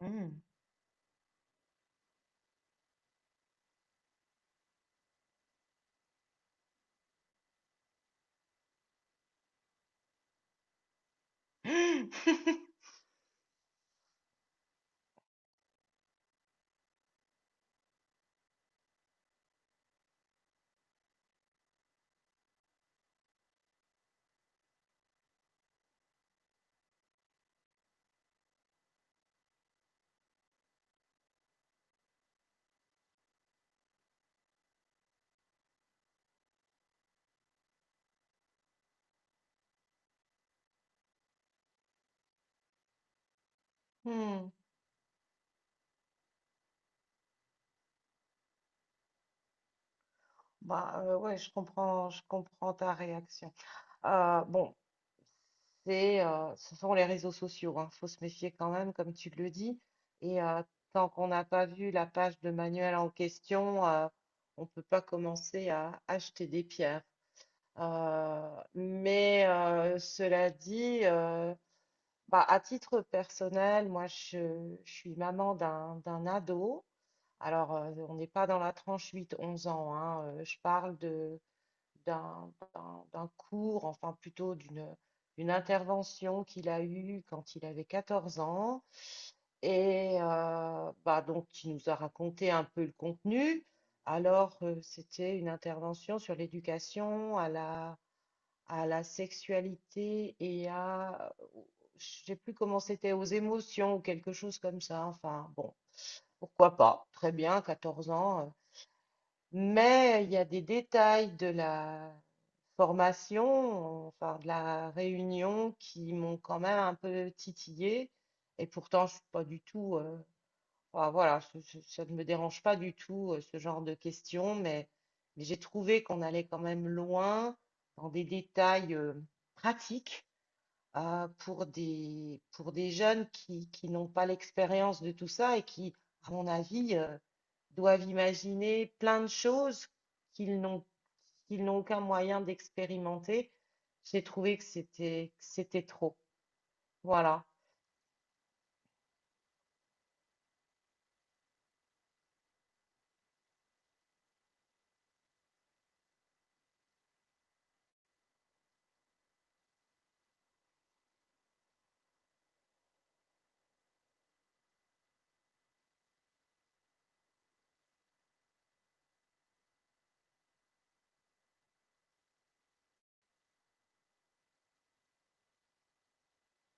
Hmm. Hmm. Bah ouais, je comprends ta réaction. Bon, ce sont les réseaux sociaux, hein. Faut se méfier quand même, comme tu le dis. Et tant qu'on n'a pas vu la page de manuel en question, on peut pas commencer à acheter des pierres. Mais cela dit, bah, à titre personnel, moi, je suis maman d'un ado. Alors, on n'est pas dans la tranche 8-11 ans, hein, je parle de, d'un cours, enfin plutôt d'une intervention qu'il a eue quand il avait 14 ans. Et bah, donc, il nous a raconté un peu le contenu. Alors, c'était une intervention sur l'éducation à la sexualité et à, je sais plus comment c'était, aux émotions ou quelque chose comme ça. Enfin, bon. Pourquoi pas? Très bien, 14 ans. Mais il y a des détails de la formation, enfin de la réunion, qui m'ont quand même un peu titillé. Et pourtant, je suis pas du tout. Enfin, voilà, ça ne me dérange pas du tout ce genre de questions, mais j'ai trouvé qu'on allait quand même loin dans des détails pratiques pour pour des jeunes qui n'ont pas l'expérience de tout ça et qui, à mon avis, doivent imaginer plein de choses qu'ils n'ont qu'ils n'ont aucun moyen d'expérimenter. J'ai trouvé que c'était trop. Voilà.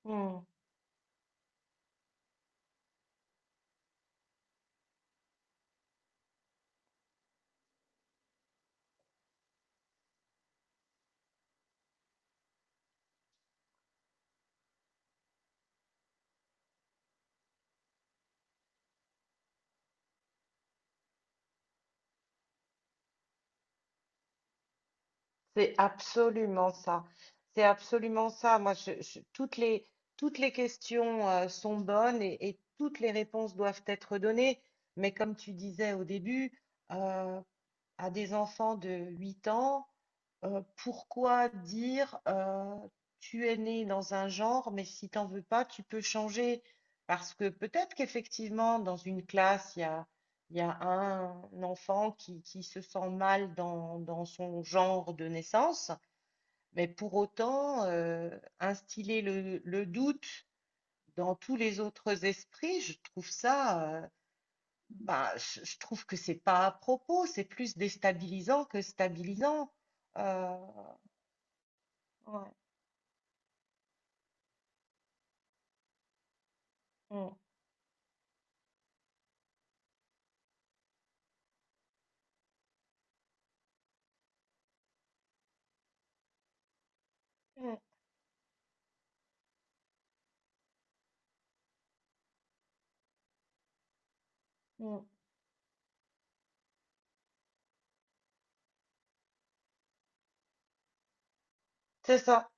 Mm. C'est absolument ça. C'est absolument ça. Moi, toutes les questions sont bonnes et toutes les réponses doivent être données. Mais comme tu disais au début, euh, à des enfants de 8 ans, pourquoi dire tu es né dans un genre, mais si t'en veux pas, tu peux changer. Parce que peut-être qu'effectivement, dans une classe, il y a un enfant qui se sent mal dans son genre de naissance, mais pour autant, instiller le doute dans tous les autres esprits, je trouve ça, bah, je trouve que c'est pas à propos, c'est plus déstabilisant que stabilisant. Euh, ouais, mm, mm, mm. C'est ça.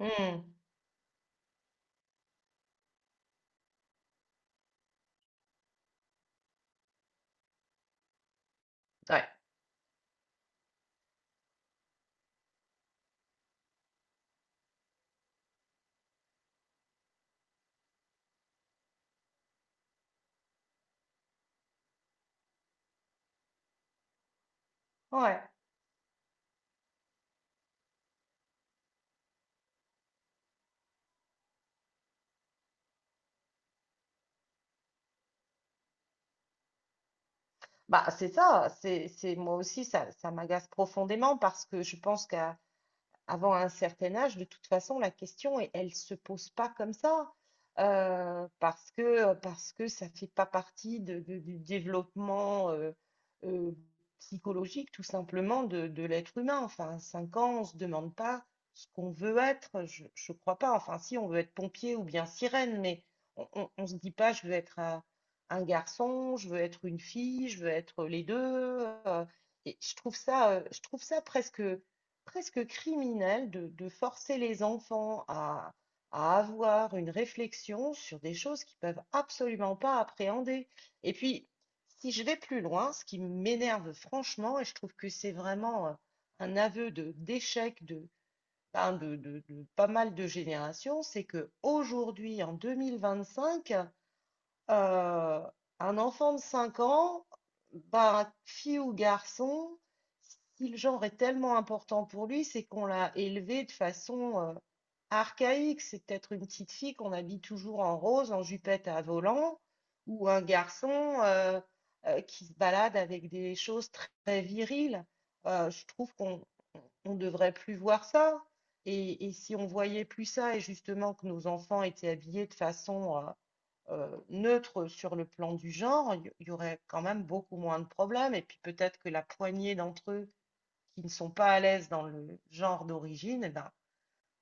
Mm, Ouais, ouais. Bah, c'est ça. Moi aussi, ça m'agace profondément parce que je pense qu'à avant un certain âge, de toute façon, la question, elle ne se pose pas comme ça, parce que ça ne fait pas partie du développement euh, psychologique, tout simplement, de l'être humain. Enfin, à 5 ans, on ne se demande pas ce qu'on veut être, je crois pas. Enfin, si, on veut être pompier ou bien sirène, mais se dit pas, je veux être un garçon, je veux être une fille, je veux être les deux. euh, et je trouve ça presque criminel de forcer les enfants à avoir une réflexion sur des choses qu'ils peuvent absolument pas appréhender. Et puis, si je vais plus loin, ce qui m'énerve franchement, et je trouve que c'est vraiment un aveu de d'échec de, ben, de pas mal de générations, c'est que aujourd'hui, en 2025 euh, un enfant de 5 ans, bah, fille ou garçon, si le genre est tellement important pour lui, c'est qu'on l'a élevé de façon archaïque. C'est peut-être une petite fille qu'on habille toujours en rose, en jupette à volant, ou un garçon euh, qui se balade avec des choses très, très viriles. Je trouve qu'on on devrait plus voir ça. Et si on voyait plus ça, et justement que nos enfants étaient habillés de façon neutre sur le plan du genre, il y aurait quand même beaucoup moins de problèmes. Et puis peut-être que la poignée d'entre eux qui ne sont pas à l'aise dans le genre d'origine, eh ben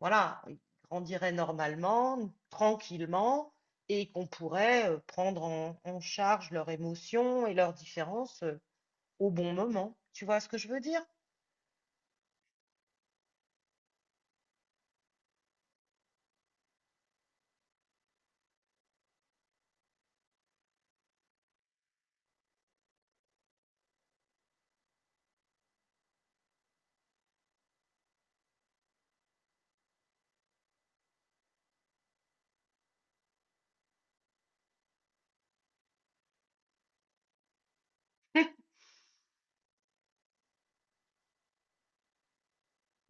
voilà, ils grandiraient normalement, tranquillement, et qu'on pourrait prendre en charge leurs émotions et leurs différences au bon moment. Tu vois ce que je veux dire?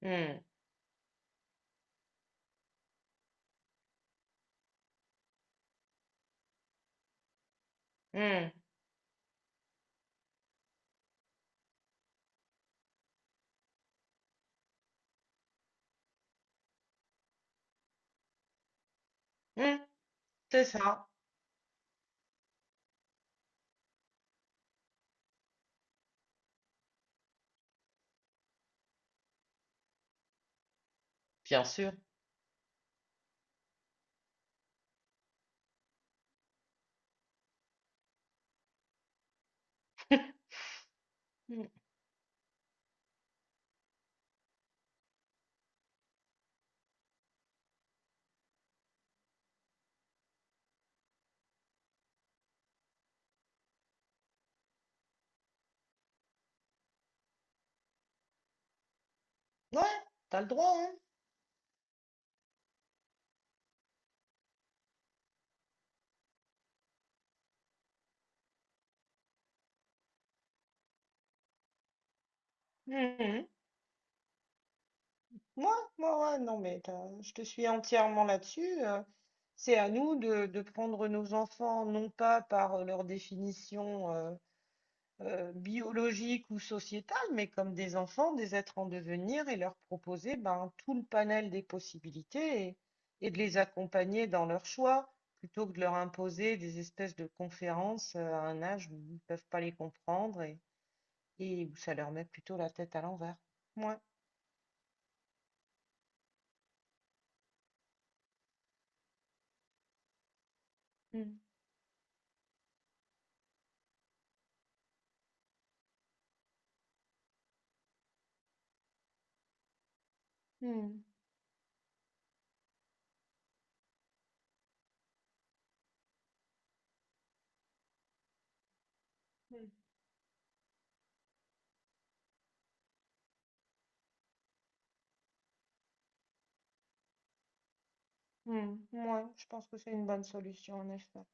Hmm, hmm, hmm, c'est ça, bien sûr. Hmm. Ouais, t'as le droit, hein? Hmm, hmm. Moi, moi, ouais, non, mais je te suis entièrement là-dessus. C'est à nous de prendre nos enfants, non pas par leur définition biologique ou sociétale, mais comme des enfants, des êtres en devenir, et leur proposer ben, tout le panel des possibilités et de les accompagner dans leurs choix, plutôt que de leur imposer des espèces de conférences à un âge où ils ne peuvent pas les comprendre et où ça leur met plutôt la tête à l'envers. Ouais. Mm. Mm. Hmm, ouais, je pense que c'est une bonne solution, en effet.